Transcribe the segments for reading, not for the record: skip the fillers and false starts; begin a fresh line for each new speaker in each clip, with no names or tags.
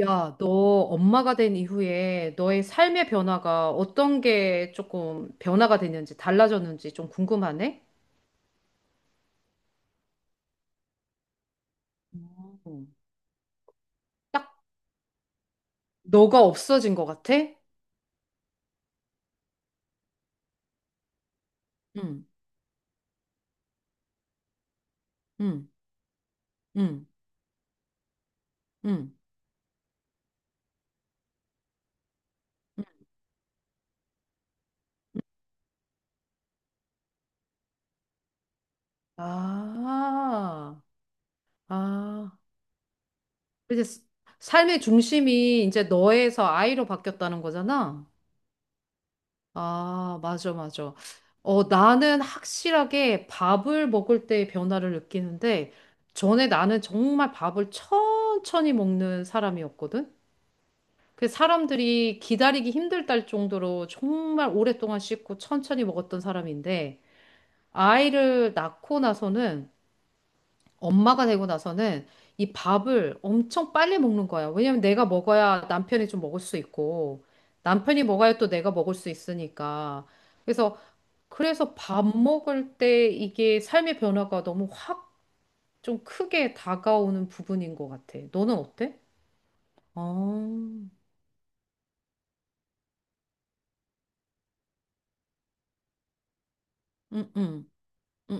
야, 너 엄마가 된 이후에 너의 삶의 변화가 어떤 게 조금 변화가 됐는지 달라졌는지 좀 궁금하네? 음. 딱 너가 없어진 것 같아? 응, 응, 응, 응. 응. 아, 아. 이제 삶의 중심이 이제 너에서 아이로 바뀌었다는 거잖아? 아, 맞아, 맞아. 어, 나는 확실하게 밥을 먹을 때 변화를 느끼는데, 전에 나는 정말 밥을 천천히 먹는 사람이었거든? 그 사람들이 기다리기 힘들다 정도로 정말 오랫동안 씹고 천천히 먹었던 사람인데, 아이를 낳고 나서는, 엄마가 되고 나서는 이 밥을 엄청 빨리 먹는 거야. 왜냐면 내가 먹어야 남편이 좀 먹을 수 있고, 남편이 먹어야 또 내가 먹을 수 있으니까. 그래서 그래서 밥 먹을 때 이게 삶의 변화가 너무 확 좀 크게 다가오는 부분인 것 같아. 너는 어때? 어, 응, 응, 응,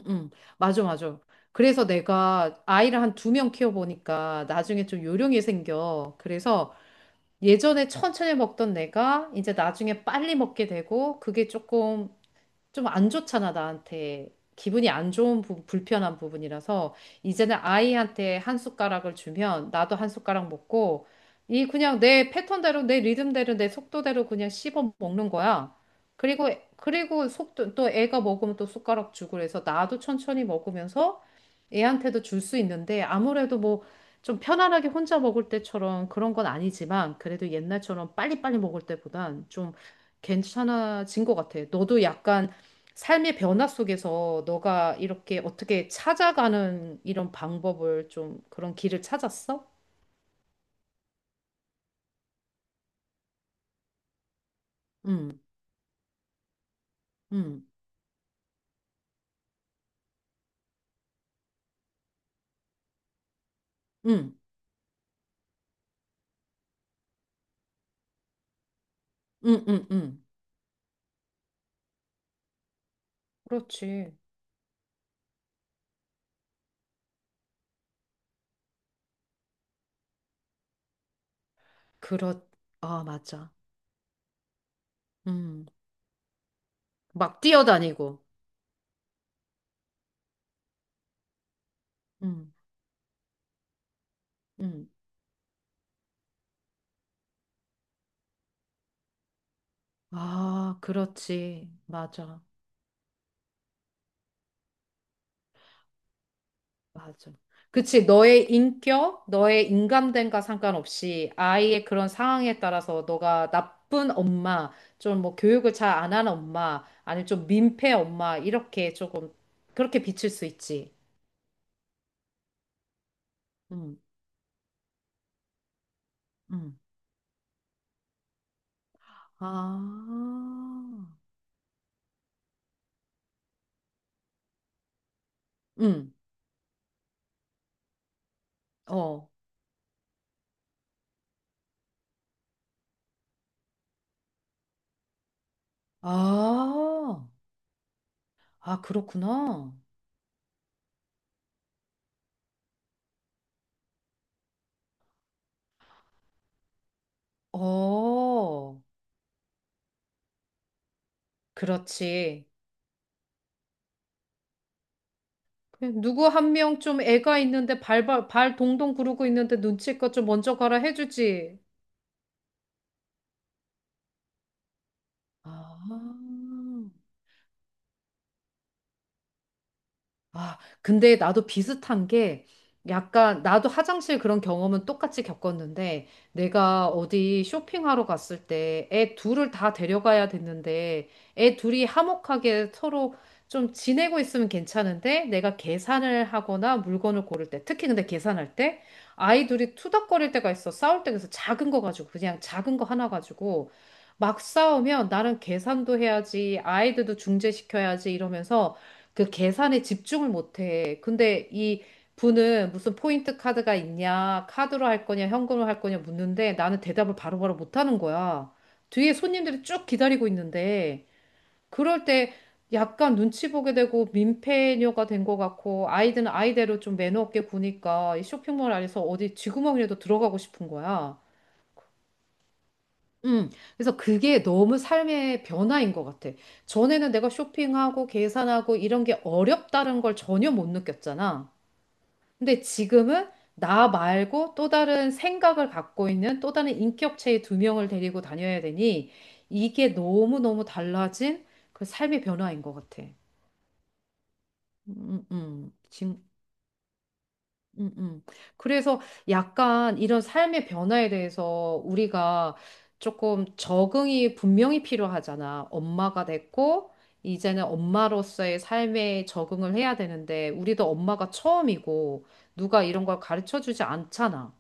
응. 맞아, 맞아. 그래서 내가 아이를 한 두 명 키워보니까 나중에 좀 요령이 생겨. 그래서 예전에 천천히 먹던 내가 이제 나중에 빨리 먹게 되고 그게 조금 좀 안 좋잖아, 나한테. 기분이 안 좋은 부분, 불편한 부분이라서 이제는 아이한테 한 숟가락을 주면 나도 한 숟가락 먹고 이 그냥 내 패턴대로 내 리듬대로 내 속도대로 그냥 씹어 먹는 거야. 그리고 그리고 속도 또 애가 먹으면 또 숟가락 주고 그래서 나도 천천히 먹으면서 애한테도 줄 수 있는데 아무래도 뭐 좀 편안하게 혼자 먹을 때처럼 그런 건 아니지만 그래도 옛날처럼 빨리빨리 먹을 때보단 좀 괜찮아진 것 같아. 너도 약간 삶의 변화 속에서 너가 이렇게 어떻게 찾아가는 이런 방법을 좀 그런 길을 찾았어? 응, 응, 응, 응, 응, 응. 그렇지. 그렇, 아, 맞아. 음, 막 뛰어다니고. 음, 음. 아, 그렇지. 맞아. 맞아. 그치, 너의 인격, 너의 인감됨과 상관없이 아이의 그런 상황에 따라서 너가 나쁜 엄마, 좀 뭐 교육을 잘 안 하는 엄마, 아니면 좀 민폐 엄마, 이렇게 조금, 그렇게 비칠 수 있지. 음, 음. 아, 음, 어. 아, 아, 그렇구나. 어, 그렇지. 누구 한 명 좀 애가 있는데 발발 발 동동 구르고 있는데 눈치껏 좀 먼저 가라 해주지. 아, 아, 근데 나도 비슷한 게 약간 나도 화장실 그런 경험은 똑같이 겪었는데 내가 어디 쇼핑하러 갔을 때 애 둘을 다 데려가야 됐는데 애 둘이 화목하게 서로 좀 지내고 있으면 괜찮은데 내가 계산을 하거나 물건을 고를 때 특히 근데 계산할 때 아이 둘이 투닥거릴 때가 있어 싸울 때 그래서 작은 거 가지고 그냥 작은 거 하나 가지고 막 싸우면 나는 계산도 해야지 아이들도 중재시켜야지 이러면서 그 계산에 집중을 못해. 근데 이 분은 무슨 포인트 카드가 있냐, 카드로 할 거냐, 현금으로 할 거냐 묻는데 나는 대답을 바로바로 못하는 거야. 뒤에 손님들이 쭉 기다리고 있는데 그럴 때 약간 눈치 보게 되고 민폐녀가 된 것 같고 아이들은 아이대로 좀 매너 없게 구니까 이 쇼핑몰 안에서 어디 쥐구멍이라도 들어가고 싶은 거야. 음, 그래서 그게 너무 삶의 변화인 것 같아. 전에는 내가 쇼핑하고 계산하고 이런 게 어렵다는 걸 전혀 못 느꼈잖아. 근데 지금은 나 말고 또 다른 생각을 갖고 있는 또 다른 인격체의 두 명을 데리고 다녀야 되니 이게 너무너무 달라진 그 삶의 변화인 것 같아. 지금 음, 음. 그래서 약간 이런 삶의 변화에 대해서 우리가 조금 적응이 분명히 필요하잖아. 엄마가 됐고, 이제는 엄마로서의 삶에 적응을 해야 되는데, 우리도 엄마가 처음이고, 누가 이런 걸 가르쳐 주지 않잖아.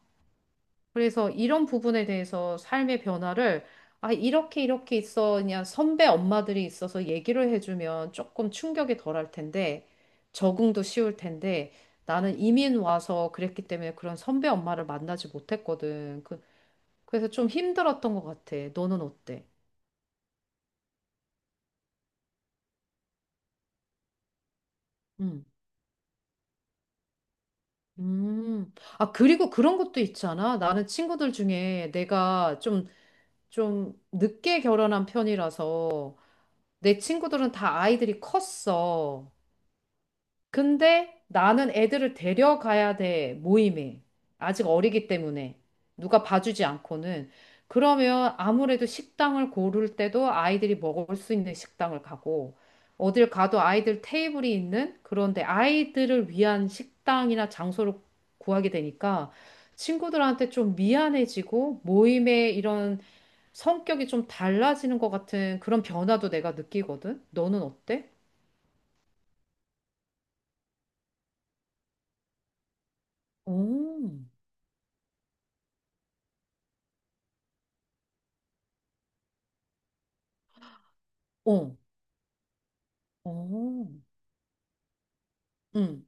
그래서 이런 부분에 대해서 삶의 변화를 아, 이렇게 이렇게 있어. 그냥 선배 엄마들이 있어서 얘기를 해주면 조금 충격이 덜할 텐데 적응도 쉬울 텐데 나는 이민 와서 그랬기 때문에 그런 선배 엄마를 만나지 못했거든. 그래서 좀 힘들었던 것 같아. 너는 어때? 음. 음. 아, 그리고 그런 것도 있잖아. 나는 친구들 중에 내가 좀 늦게 결혼한 편이라서 내 친구들은 다 아이들이 컸어. 근데 나는 애들을 데려가야 돼, 모임에. 아직 어리기 때문에. 누가 봐주지 않고는. 그러면 아무래도 식당을 고를 때도 아이들이 먹을 수 있는 식당을 가고, 어딜 가도 아이들 테이블이 있는 그런데 아이들을 위한 식당이나 장소를 구하게 되니까 친구들한테 좀 미안해지고 모임의 이런 성격이 좀 달라지는 것 같은 그런 변화도 내가 느끼거든. 너는 어때? 오, 어, 어. 응,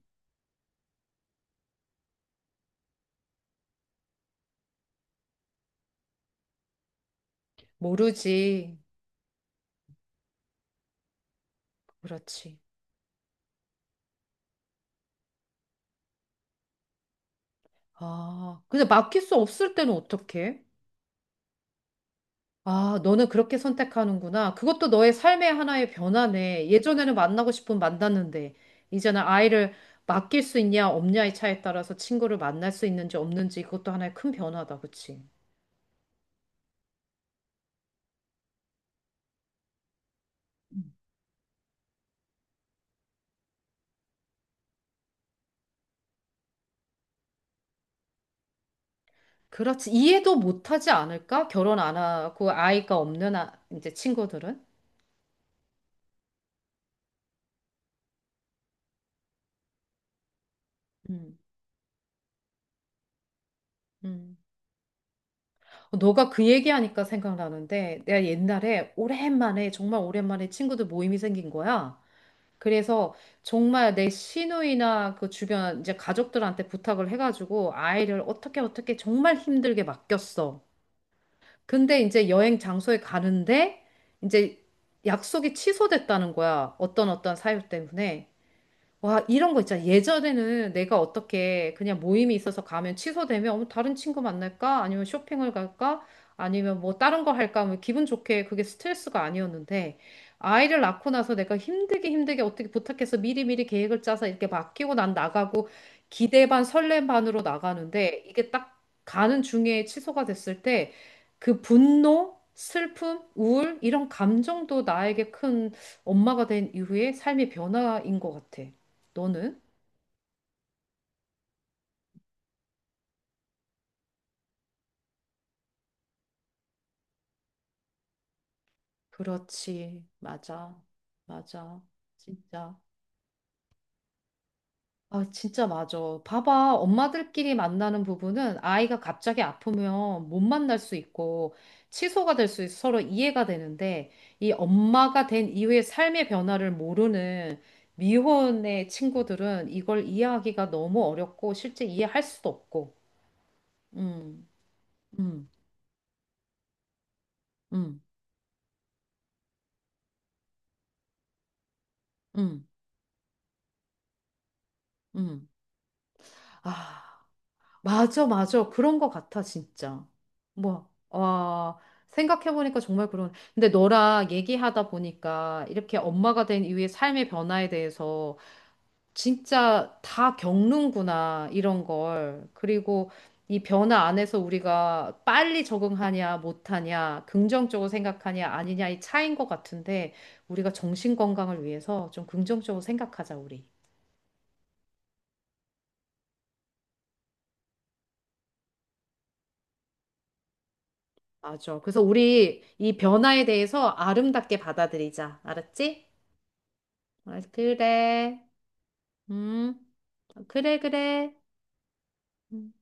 모르지. 그렇지. 아, 근데 맡길 수 없을 때는 어떡해? 아, 너는 그렇게 선택하는구나. 그것도 너의 삶의 하나의 변화네. 예전에는 만나고 싶으면 만났는데, 이제는 아이를 맡길 수 있냐, 없냐의 차에 따라서 친구를 만날 수 있는지 없는지 그것도 하나의 큰 변화다. 그치? 그렇지. 이해도 못하지 않을까? 결혼 안 하고 아이가 없는 아, 이제 친구들은? 음, 음. 너가 그 얘기하니까 생각나는데 내가 옛날에 오랜만에 정말 오랜만에 친구들 모임이 생긴 거야. 그래서 정말 내 시누이나 그 주변 이제 가족들한테 부탁을 해가지고 아이를 어떻게 어떻게 정말 힘들게 맡겼어. 근데 이제 여행 장소에 가는데 이제 약속이 취소됐다는 거야. 어떤 어떤 사유 때문에. 와, 이런 거 있잖아. 예전에는 내가 어떻게 그냥 모임이 있어서 가면 취소되면 어머, 다른 친구 만날까? 아니면 쇼핑을 갈까? 아니면 뭐 다른 거 할까? 뭐 기분 좋게 그게 스트레스가 아니었는데 아이를 낳고 나서 내가 힘들게 힘들게 어떻게 부탁해서 미리미리 계획을 짜서 이렇게 맡기고 난 나가고 기대 반 설렘 반으로 나가는데 이게 딱 가는 중에 취소가 됐을 때 그 분노, 슬픔, 우울 이런 감정도 나에게 큰 엄마가 된 이후에 삶의 변화인 것 같아. 너는? 그렇지. 맞아. 맞아. 진짜. 아, 진짜 맞아. 봐봐. 엄마들끼리 만나는 부분은 아이가 갑자기 아프면 못 만날 수 있고 취소가 될 수 있어 서로 이해가 되는데 이 엄마가 된 이후의 삶의 변화를 모르는 미혼의 친구들은 이걸 이해하기가 너무 어렵고 실제 이해할 수도 없고. 음. 음. 음. 음. 음. 아. 맞아, 맞아. 그런 거 같아, 진짜. 뭐, 와, 생각해보니까 정말 그런. 근데 너랑 얘기하다 보니까 이렇게 엄마가 된 이후의 삶의 변화에 대해서 진짜 다 겪는구나, 이런 걸. 그리고 이 변화 안에서 우리가 빨리 적응하냐, 못하냐, 긍정적으로 생각하냐, 아니냐, 이 차이인 것 같은데, 우리가 정신 건강을 위해서 좀 긍정적으로 생각하자, 우리. 맞아. 그래서 우리 이 변화에 대해서 아름답게 받아들이자. 알았지? 아, 그래. 음, 아, 그래, 그래. 음.